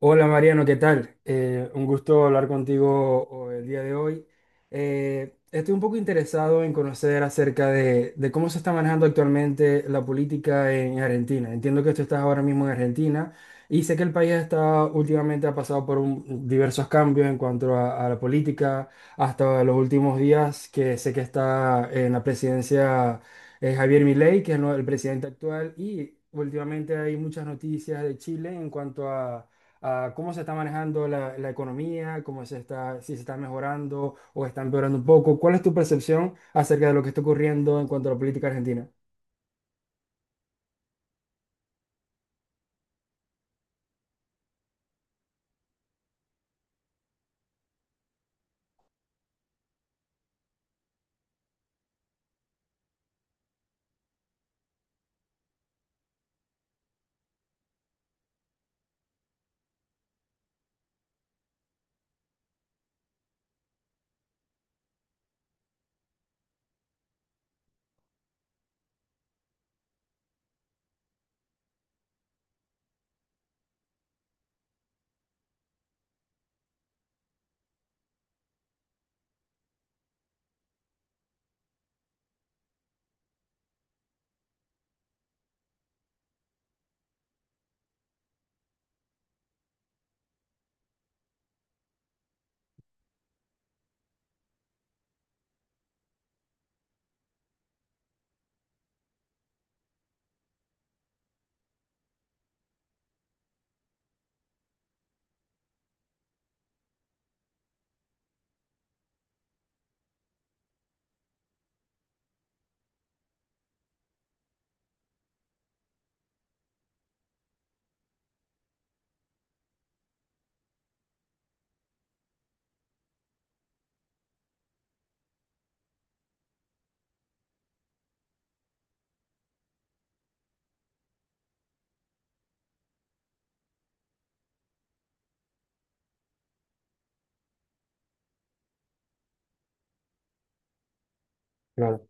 Hola Mariano, ¿qué tal? Un gusto hablar contigo el día de hoy. Estoy un poco interesado en conocer acerca de cómo se está manejando actualmente la política en Argentina. Entiendo que tú estás ahora mismo en Argentina y sé que el país está últimamente ha pasado por diversos cambios en cuanto a la política, hasta los últimos días que sé que está en la presidencia Javier Milei, que es el presidente actual, y últimamente hay muchas noticias de Chile en cuanto a cómo se está manejando la economía, cómo se está, si se está mejorando o está empeorando un poco. ¿Cuál es tu percepción acerca de lo que está ocurriendo en cuanto a la política argentina? Claro.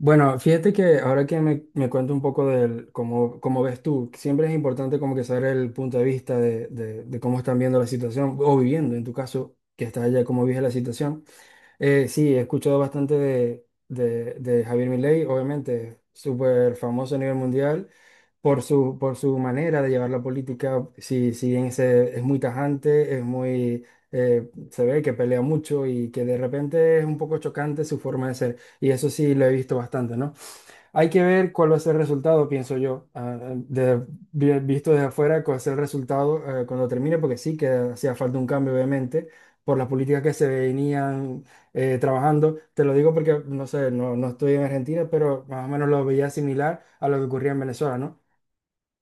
Bueno, fíjate que ahora que me cuento un poco del cómo ves tú, siempre es importante como que saber el punto de vista de cómo están viendo la situación o viviendo, en tu caso, que estás allá, cómo vives la situación. Sí, he escuchado bastante de Javier Milei, obviamente, súper famoso a nivel mundial por su manera de llevar la política. Si, si bien es muy tajante, es muy, se ve que pelea mucho y que de repente es un poco chocante su forma de ser. Y eso sí lo he visto bastante, ¿no? Hay que ver cuál va a ser el resultado, pienso yo, visto desde afuera, cuál va a ser el resultado cuando termine, porque sí que hacía falta un cambio, obviamente, por las políticas que se venían trabajando. Te lo digo porque, no sé, no estoy en Argentina, pero más o menos lo veía similar a lo que ocurría en Venezuela, ¿no?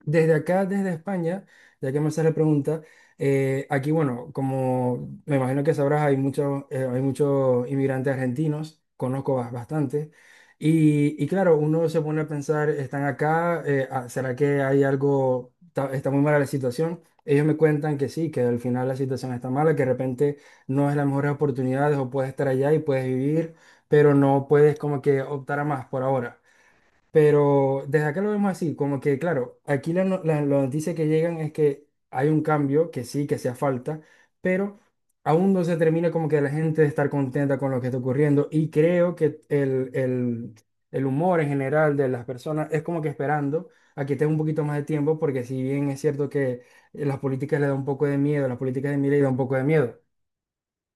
Desde acá, desde España, ya que me haces la pregunta, aquí, bueno, como me imagino que sabrás, hay muchos inmigrantes argentinos, conozco bastante, y claro, uno se pone a pensar, están acá, ¿será que hay algo, está muy mala la situación? Ellos me cuentan que sí, que al final la situación está mala, que de repente no es las mejores oportunidades o puedes estar allá y puedes vivir, pero no puedes como que optar a más por ahora. Pero desde acá lo vemos así, como que claro, aquí la, no- la noticia que llegan es que hay un cambio, que sí, que hacía falta, pero aún no se termina como que la gente de estar contenta con lo que está ocurriendo y creo que el humor en general de las personas es como que esperando a que tenga un poquito más de tiempo, porque si bien es cierto que las políticas le da un poco de miedo, las políticas de Milei da un poco de miedo,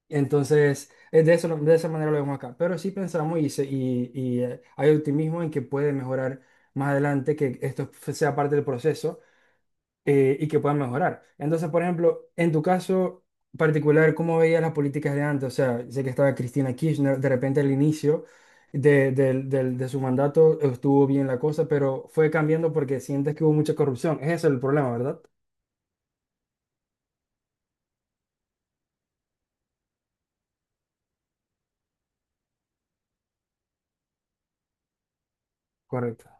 entonces, de eso, de esa manera lo vemos acá. Pero sí pensamos hay optimismo en que puede mejorar más adelante, que esto sea parte del proceso y que pueda mejorar. Entonces, por ejemplo, en tu caso particular, ¿cómo veías las políticas de antes? O sea, sé que estaba Cristina Kirchner, de repente al inicio de su mandato estuvo bien la cosa, pero fue cambiando porque sientes que hubo mucha corrupción. Ese es el problema, ¿verdad? Correcto.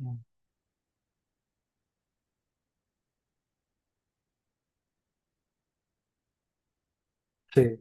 Mm. Sí,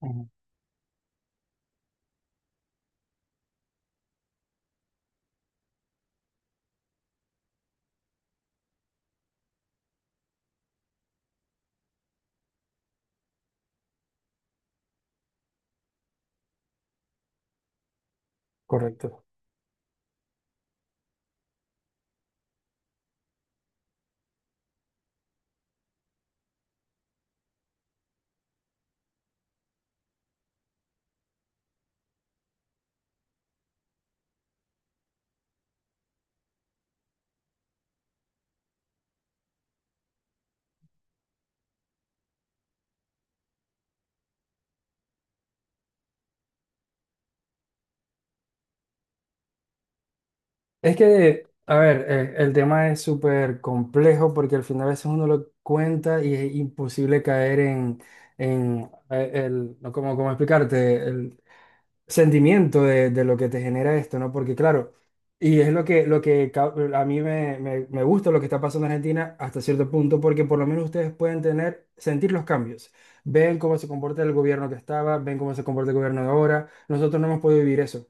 ujú, correcto. Es que, a ver, el tema es súper complejo porque al final a veces uno lo cuenta y es imposible caer en el, no, ¿cómo, cómo explicarte? El sentimiento de lo que te genera esto, ¿no? Porque claro, y es lo que, a mí me gusta lo que está pasando en Argentina hasta cierto punto porque por lo menos ustedes pueden tener, sentir los cambios. Ven cómo se comporta el gobierno que estaba, ven cómo se comporta el gobierno de ahora. Nosotros no hemos podido vivir eso.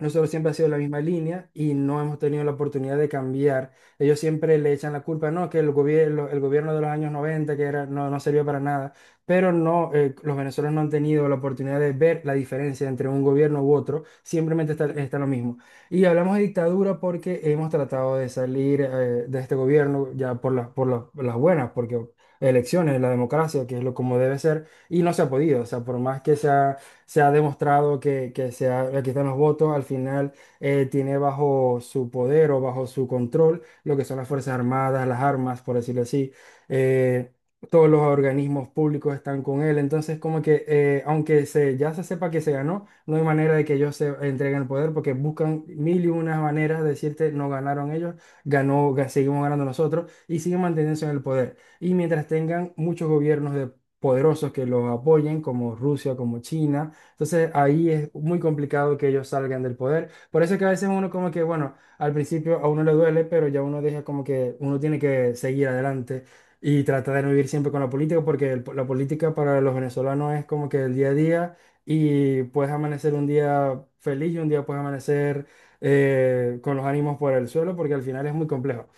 Nosotros siempre ha sido la misma línea y no hemos tenido la oportunidad de cambiar. Ellos siempre le echan la culpa, no, que el gobierno de los años 90, que era, no, no servía para nada, pero no, los venezolanos no han tenido la oportunidad de ver la diferencia entre un gobierno u otro, simplemente está, está lo mismo. Y hablamos de dictadura porque hemos tratado de salir, de este gobierno ya por las buenas, porque elecciones, la democracia, que es lo como debe ser, y no se ha podido, o sea, por más que sea se ha demostrado que, aquí están los votos, al final tiene bajo su poder o bajo su control lo que son las Fuerzas Armadas, las armas, por decirlo así. eh, Todos los organismos públicos están con él, entonces como que aunque se, ya se sepa que se ganó, no hay manera de que ellos se entreguen el poder porque buscan mil y unas maneras de decirte no ganaron ellos, seguimos ganando nosotros y siguen manteniéndose en el poder. Y mientras tengan muchos gobiernos de poderosos que los apoyen, como Rusia, como China, entonces ahí es muy complicado que ellos salgan del poder. Por eso es que a veces uno como que, bueno, al principio a uno le duele, pero ya uno deja como que uno tiene que seguir adelante y tratar de no vivir siempre con la política, porque la política para los venezolanos es como que el día a día y puedes amanecer un día feliz y un día puedes amanecer con los ánimos por el suelo, porque al final es muy complejo.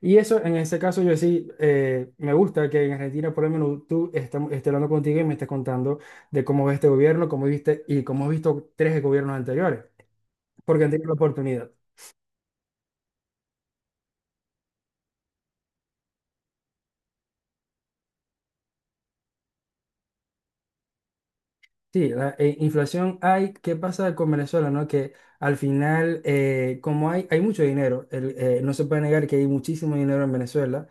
Y eso, en ese caso, yo sí, me gusta que en Argentina, por lo menos, esté hablando contigo y me estés contando de cómo ves este gobierno, cómo viste y cómo has visto tres gobiernos anteriores, porque han tenido la oportunidad. Sí, la inflación hay. ¿Qué pasa con Venezuela, no? Que al final, como hay mucho dinero, no se puede negar que hay muchísimo dinero en Venezuela.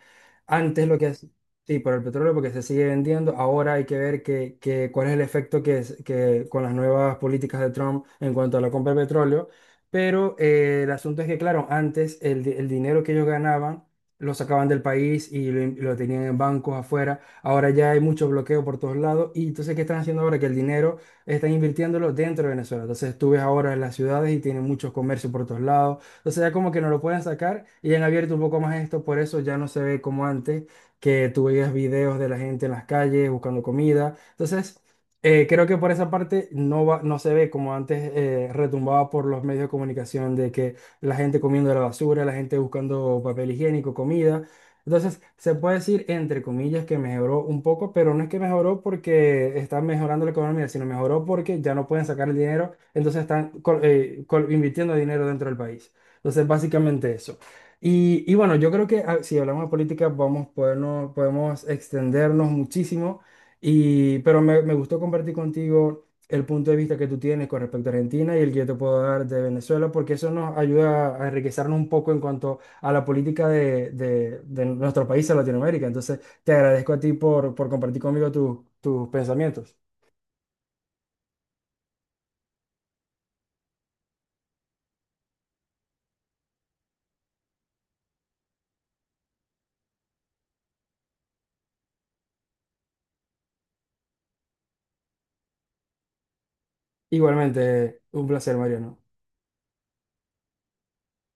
Antes lo que sí, por el petróleo, porque se sigue vendiendo. Ahora hay que ver cuál es el efecto que con las nuevas políticas de Trump en cuanto a la compra de petróleo. Pero el asunto es que, claro, antes el dinero que ellos ganaban lo sacaban del país y lo tenían en bancos afuera. Ahora ya hay mucho bloqueo por todos lados. Y entonces, ¿qué están haciendo ahora? Que el dinero están invirtiéndolo dentro de Venezuela. Entonces, tú ves ahora en las ciudades y tienen muchos comercios por todos lados. Entonces, ya como que no lo pueden sacar y han abierto un poco más esto. Por eso ya no se ve como antes, que tú veías videos de la gente en las calles buscando comida. Entonces, creo que por esa parte no va, no se ve como antes retumbaba por los medios de comunicación de que la gente comiendo la basura, la gente buscando papel higiénico, comida. Entonces, se puede decir, entre comillas, que mejoró un poco, pero no es que mejoró porque está mejorando la economía, sino mejoró porque ya no pueden sacar el dinero, entonces están invirtiendo dinero dentro del país. Entonces, básicamente eso. Y bueno, yo creo que si hablamos de política, vamos, podemos extendernos muchísimo, y, pero me gustó compartir contigo el punto de vista que tú tienes con respecto a Argentina y el que yo te puedo dar de Venezuela, porque eso nos ayuda a enriquecernos un poco en cuanto a la política de nuestro país, de Latinoamérica. Entonces, te agradezco a ti por compartir conmigo tus pensamientos. Igualmente, un placer, Mariano.